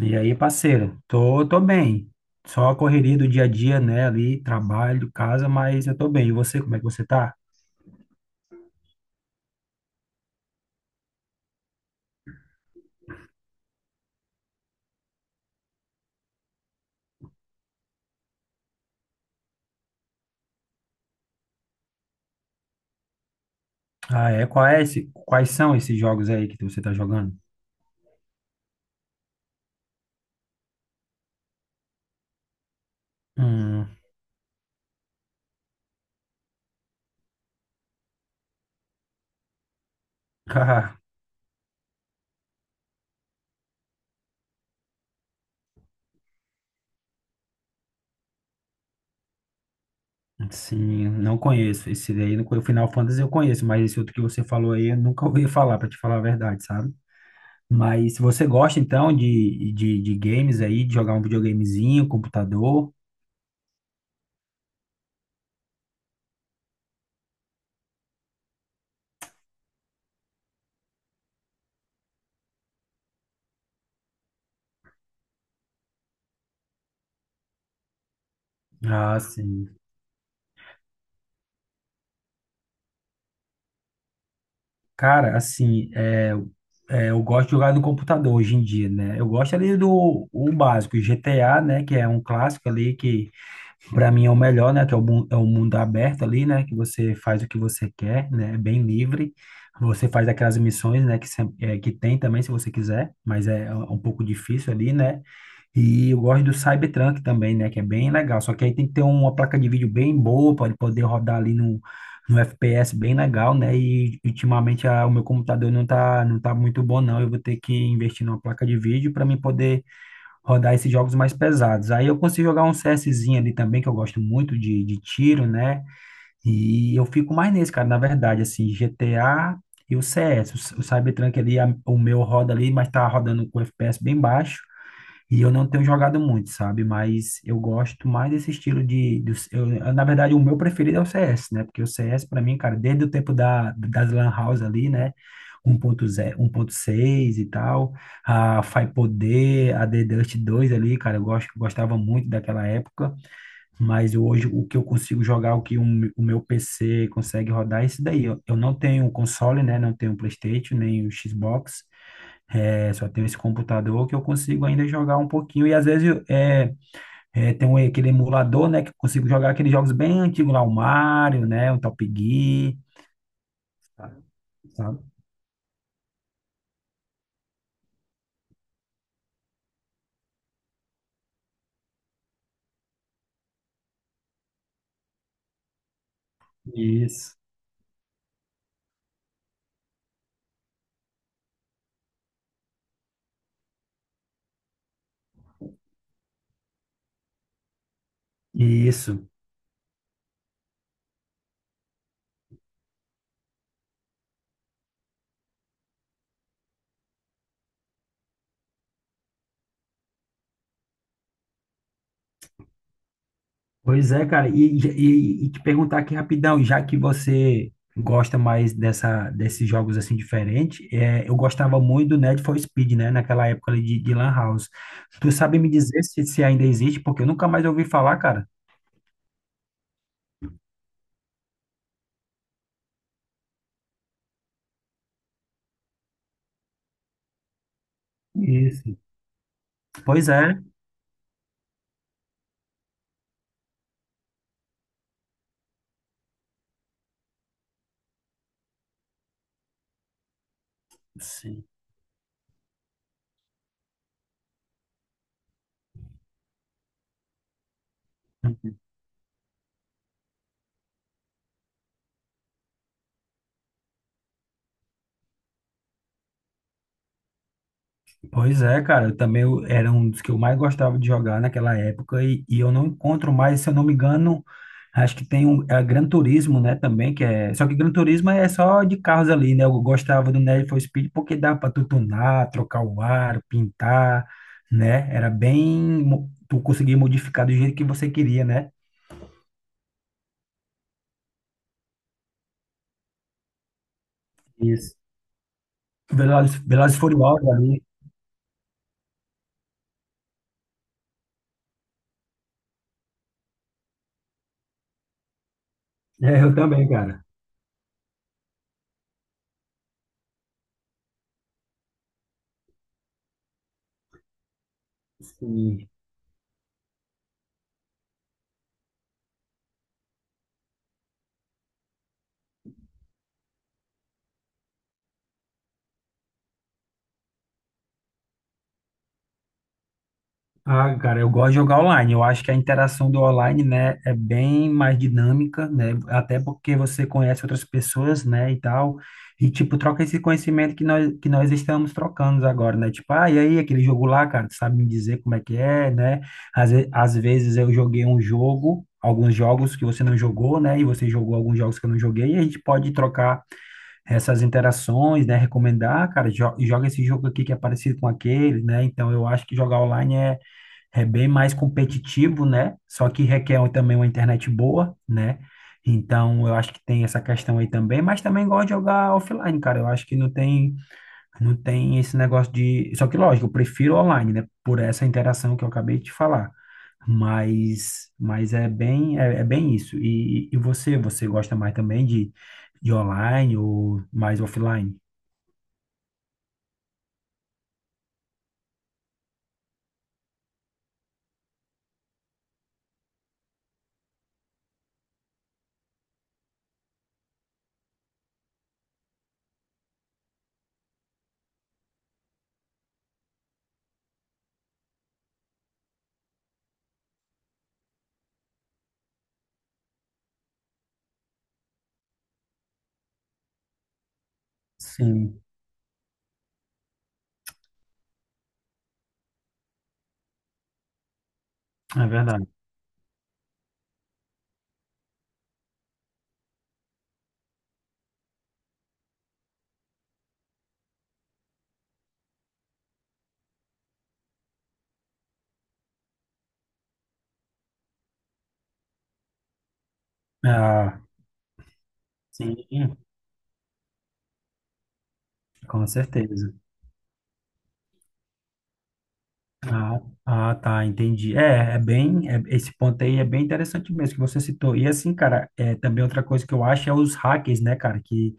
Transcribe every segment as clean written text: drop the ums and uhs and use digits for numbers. E aí, parceiro, tô bem. Só a correria do dia a dia, né? Ali, trabalho, casa, mas eu tô bem. E você, como é que você tá? Ah, é? Qual é esse, quais são esses jogos aí que você tá jogando? Hum. Cara, sim, não conheço. Esse daí, o Final Fantasy eu conheço, mas esse outro que você falou aí eu nunca ouvi falar, pra te falar a verdade, sabe? Mas se você gosta, então, de games aí, de jogar um videogamezinho, computador, ah, sim. Cara, assim, eu gosto de jogar no computador hoje em dia, né? Eu gosto ali do o básico, GTA, né? Que é um clássico ali, que pra mim é o melhor, né? Que é o mundo aberto ali, né? Que você faz o que você quer, né? É bem livre. Você faz aquelas missões, né? Que tem também, se você quiser, mas é um pouco difícil ali, né? E eu gosto do Cybertruck também, né? Que é bem legal. Só que aí tem que ter uma placa de vídeo bem boa para ele poder rodar ali no FPS bem legal, né? E ultimamente o meu computador não tá muito bom, não. Eu vou ter que investir numa placa de vídeo para mim poder rodar esses jogos mais pesados. Aí eu consigo jogar um CSzinho ali também, que eu gosto muito de tiro, né? E eu fico mais nesse, cara, na verdade, assim, GTA. E o CS, o Cybertruck ali, o meu roda ali, mas tá rodando com FPS bem baixo. E eu não tenho jogado muito, sabe? Mas eu gosto mais desse estilo eu, na verdade, o meu preferido é o CS, né? Porque o CS, pra mim, cara, desde o tempo das Lan House ali, né? 1.0, 1.6 e tal, a Faipoder, a The Dust 2 ali, cara, eu gosto, gostava muito daquela época, mas hoje o que eu consigo jogar, o que o meu PC consegue rodar é isso daí. Eu não tenho console, né? Não tenho PlayStation, nem o Xbox, só tenho esse computador que eu consigo ainda jogar um pouquinho. E às vezes tem aquele emulador, né? Que eu consigo jogar aqueles jogos bem antigos lá, o Mario, né? O Top Gear, sabe? Isso. Isso. Pois é, cara. E te perguntar aqui rapidão, já que você gosta mais dessa, desses jogos assim diferentes, eu gostava muito do Need for Speed, né? Naquela época ali de Lan House. Tu sabe me dizer se ainda existe? Porque eu nunca mais ouvi falar, cara. Isso. Pois é. Sim. Pois é, cara, eu também era um dos que eu mais gostava de jogar naquela época e eu não encontro mais, se eu não me engano, acho que tem um Gran Turismo, né, também, só que Gran Turismo é só de carros ali, né? Eu gostava do Need for Speed porque dá para tu tunar, trocar o aro, pintar, né? Era bem tu conseguia modificar do jeito que você queria, né? Isso. Velozes e Furiosos ali. É, eu também, cara. Sim. Ah, cara, eu gosto de jogar online. Eu acho que a interação do online, né, é bem mais dinâmica, né? Até porque você conhece outras pessoas, né, e tal. E, tipo, troca esse conhecimento que nós estamos trocando agora, né? Tipo, ah, e aí, aquele jogo lá, cara, tu sabe me dizer como é que é, né? Às vezes eu joguei um jogo, alguns jogos que você não jogou, né? E você jogou alguns jogos que eu não joguei. E a gente pode trocar essas interações, né? Recomendar, "Ah, cara, joga esse jogo aqui que é parecido com aquele, né? Então, eu acho que jogar online é bem mais competitivo, né? Só que requer um, também uma internet boa, né? Então, eu acho que tem essa questão aí também, mas também gosto de jogar offline, cara. Eu acho que não tem esse negócio de. Só que, lógico, eu prefiro online, né? Por essa interação que eu acabei de falar. Mas é bem isso. E você, você gosta mais também de online ou mais offline? Sim, é verdade. Ah, sim, com certeza. Ah, tá, entendi. Esse ponto aí é bem interessante mesmo que você citou. E assim, cara, também outra coisa que eu acho é os hackers, né, cara, que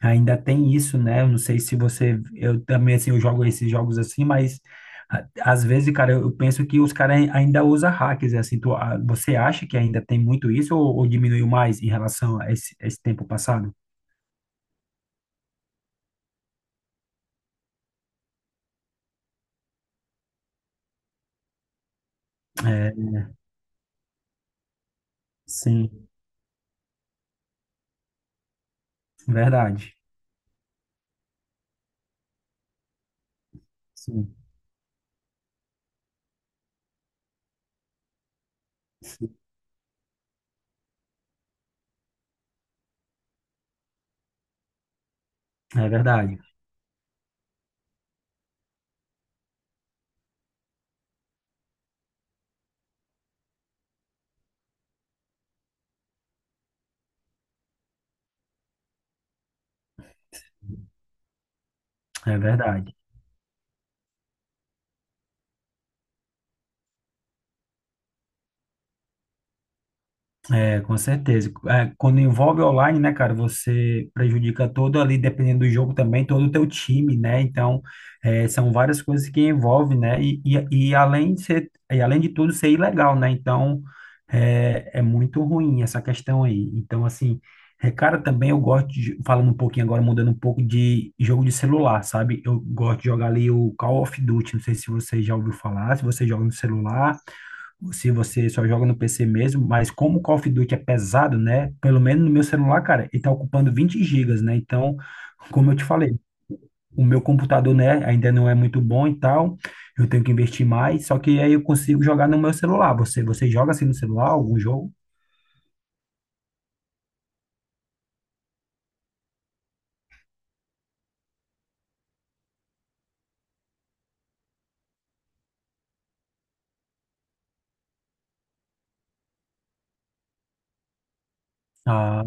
ainda tem isso, né? Eu não sei se você, eu também, assim, eu jogo esses jogos assim, mas às vezes, cara, eu penso que os caras ainda usam hackers, assim, você acha que ainda tem muito isso ou diminuiu mais em relação a esse tempo passado? É, sim, verdade. Sim, é verdade, é verdade. É, com certeza. É, quando envolve online, né, cara, você prejudica todo ali, dependendo do jogo também, todo o teu time, né? Então, é, são várias coisas que envolvem, né? E além de tudo, ser ilegal, né? Então, é muito ruim essa questão aí. Então, assim, cara, também eu gosto de, falando um pouquinho agora, mudando um pouco de jogo de celular, sabe? Eu gosto de jogar ali o Call of Duty, não sei se você já ouviu falar, se você joga no celular, se você só joga no PC mesmo, mas como o Call of Duty é pesado, né? Pelo menos no meu celular, cara, ele tá ocupando 20 gigas, né? Então, como eu te falei, o meu computador, né, ainda não é muito bom e tal, eu tenho que investir mais, só que aí eu consigo jogar no meu celular. Você joga assim no celular algum jogo? Ah,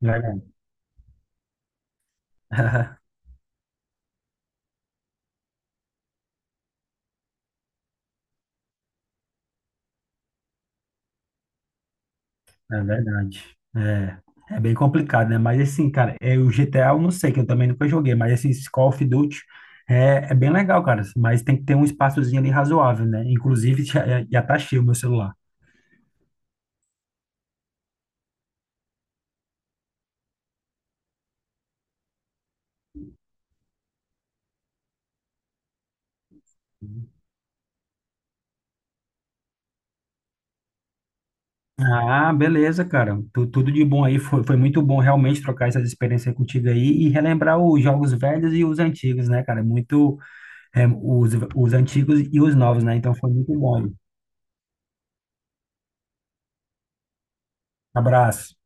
legal. É verdade. É, é bem complicado, né? Mas assim, cara, o G GTA eu não sei, que eu também nunca joguei, mas assim, esse Call of Duty é bem legal, cara. Mas tem que ter um espaçozinho ali razoável, né? Inclusive, já tá cheio o meu celular. Ah, beleza, cara. Tudo de bom aí. Foi muito bom realmente trocar essas experiências contigo aí e relembrar os jogos velhos e os antigos, né, cara? Os antigos e os novos, né? Então foi muito bom. Abraço.